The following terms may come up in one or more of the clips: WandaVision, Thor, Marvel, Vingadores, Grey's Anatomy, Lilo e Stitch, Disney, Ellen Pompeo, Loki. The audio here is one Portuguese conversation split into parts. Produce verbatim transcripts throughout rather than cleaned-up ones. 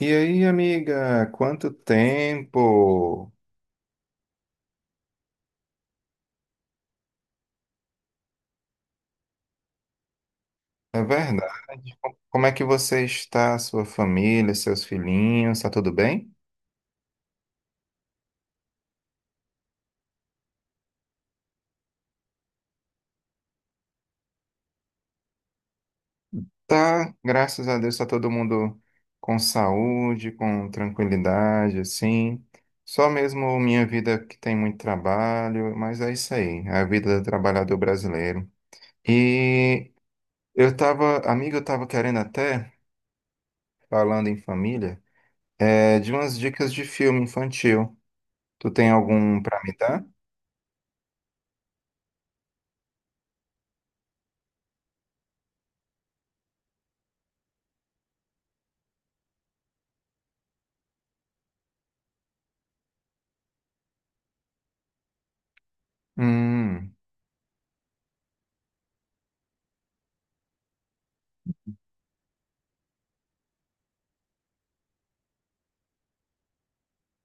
E aí, amiga, quanto tempo? É verdade. Co- Como é que você está, sua família, seus filhinhos? Tá tudo bem? Tá, graças a Deus, tá todo mundo com saúde, com tranquilidade, assim. Só mesmo minha vida que tem muito trabalho, mas é isso aí, é a vida do trabalhador brasileiro. E eu tava, amiga, eu tava querendo até, falando em família, é, de umas dicas de filme infantil. Tu tem algum para me dar? Hum,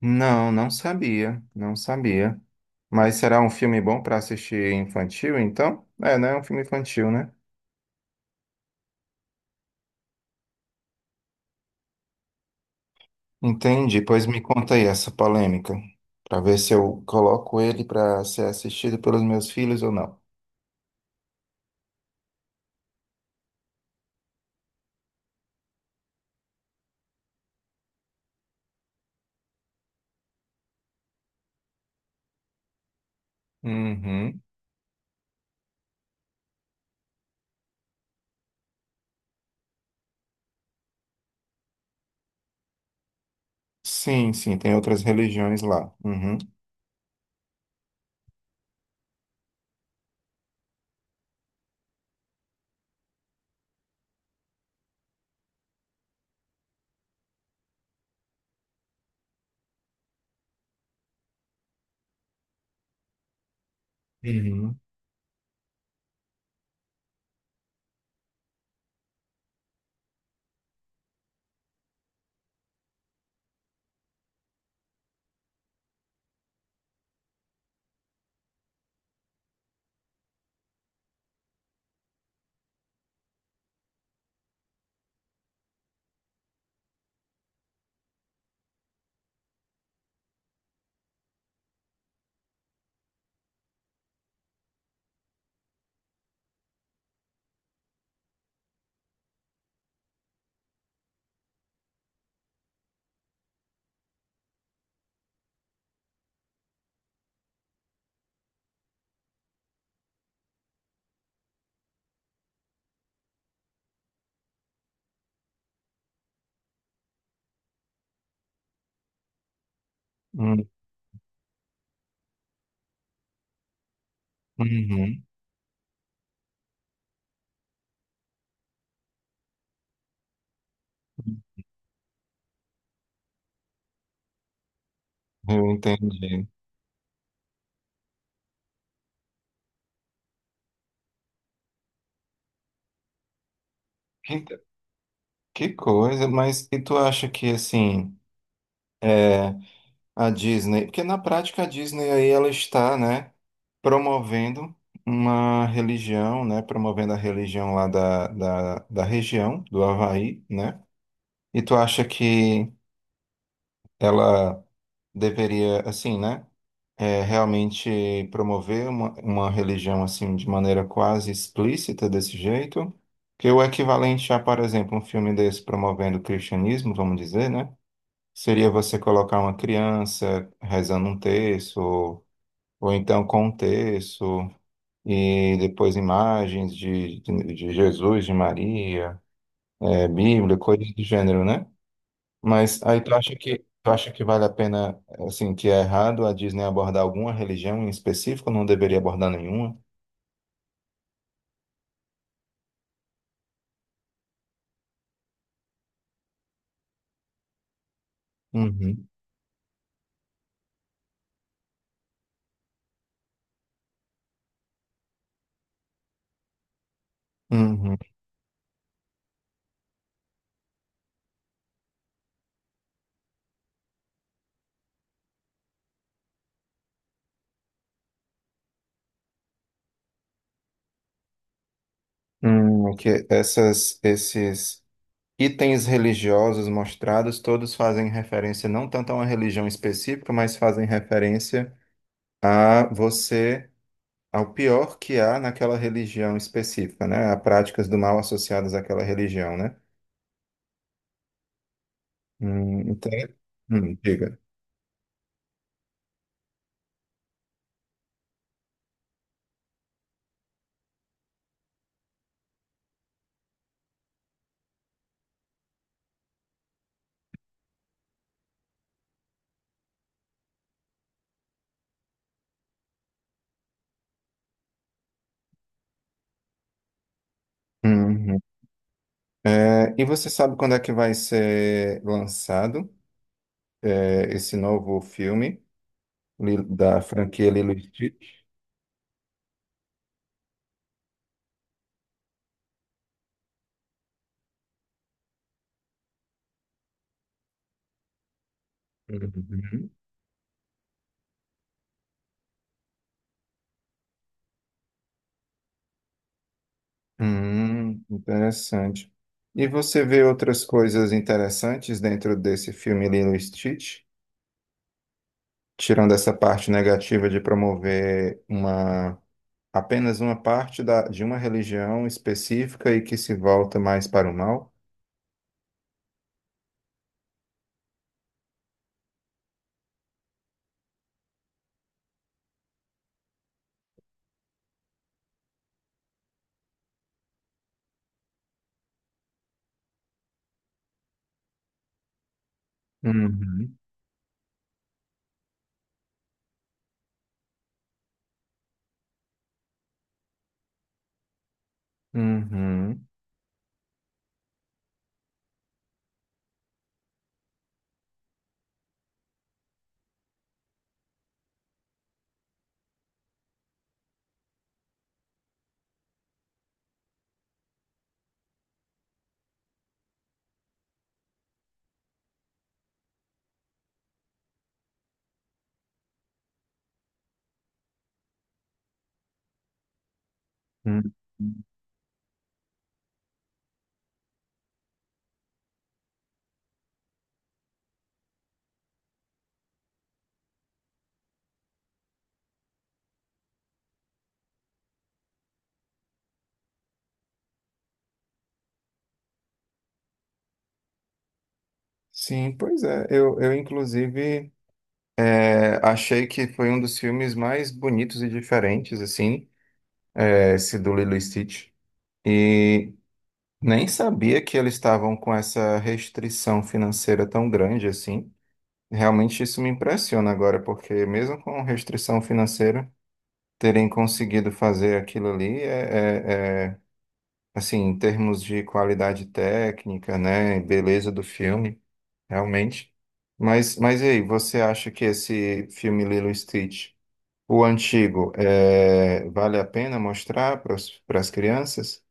não, não sabia, não sabia. Mas será um filme bom para assistir infantil, então? É, né? É um filme infantil, né? Entendi. Pois me conta aí essa polêmica, para ver se eu coloco ele para ser assistido pelos meus filhos ou não. Uhum. Sim, sim, tem outras religiões lá. Uhum. Uhum. Uhum. Uhum. Eu entendi. Que, que coisa, mas e tu acha que assim. é, A Disney, porque na prática a Disney aí ela está, né, promovendo uma religião, né, promovendo a religião lá da, da, da região, do Havaí, né? E tu acha que ela deveria, assim, né, é, realmente promover uma, uma religião, assim, de maneira quase explícita desse jeito? Que o equivalente a, por exemplo, um filme desse promovendo o cristianismo, vamos dizer, né? Seria você colocar uma criança rezando um terço, ou então contexto, e depois imagens de, de, de Jesus, de Maria, é, Bíblia, coisas do gênero, né? Mas aí tu acha que, tu acha que vale a pena, assim, que é errado a Disney abordar alguma religião em específico, não deveria abordar nenhuma? Uhum, uhum. Hum, que essas, esses itens religiosos mostrados, todos fazem referência não tanto a uma religião específica, mas fazem referência a você ao pior que há naquela religião específica, né? A práticas do mal associadas àquela religião, né? Hum, então, hum, diga. Uhum. É, e você sabe quando é que vai ser lançado, é, esse novo filme Lilo- da franquia Lilo e Stitch? Uhum. Hum, interessante. E você vê outras coisas interessantes dentro desse filme Lilo e Stitch? Tirando essa parte negativa de promover uma, apenas uma parte da, de uma religião específica e que se volta mais para o mal? Uhum. Uhum. Uhum. Sim, pois é. Eu, eu inclusive, é, achei que foi um dos filmes mais bonitos e diferentes, assim, é, esse do Lilo e Stitch. E nem sabia que eles estavam com essa restrição financeira tão grande, assim. Realmente isso me impressiona agora, porque mesmo com restrição financeira, terem conseguido fazer aquilo ali é, é- é assim, em termos de qualidade técnica, né, e beleza do filme, realmente. Mas, mas e aí, você acha que esse filme Lilo e Stitch, o antigo, é, vale a pena mostrar para as crianças?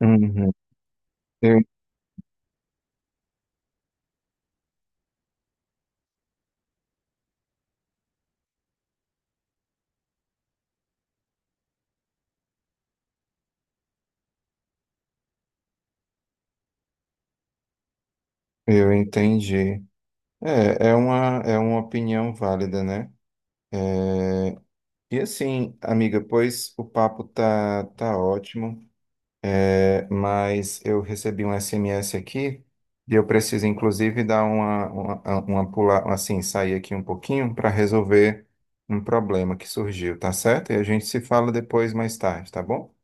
Uhum. Eu, eu entendi. É, é uma, é uma opinião válida, né? E assim, amiga, pois o papo tá, tá ótimo. É, mas eu recebi um S M S aqui e eu preciso, inclusive, dar uma, uma, uma pular, assim, sair aqui um pouquinho para resolver um problema que surgiu, tá certo? E a gente se fala depois, mais tarde, tá bom?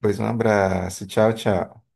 Pois um abraço, tchau, tchau.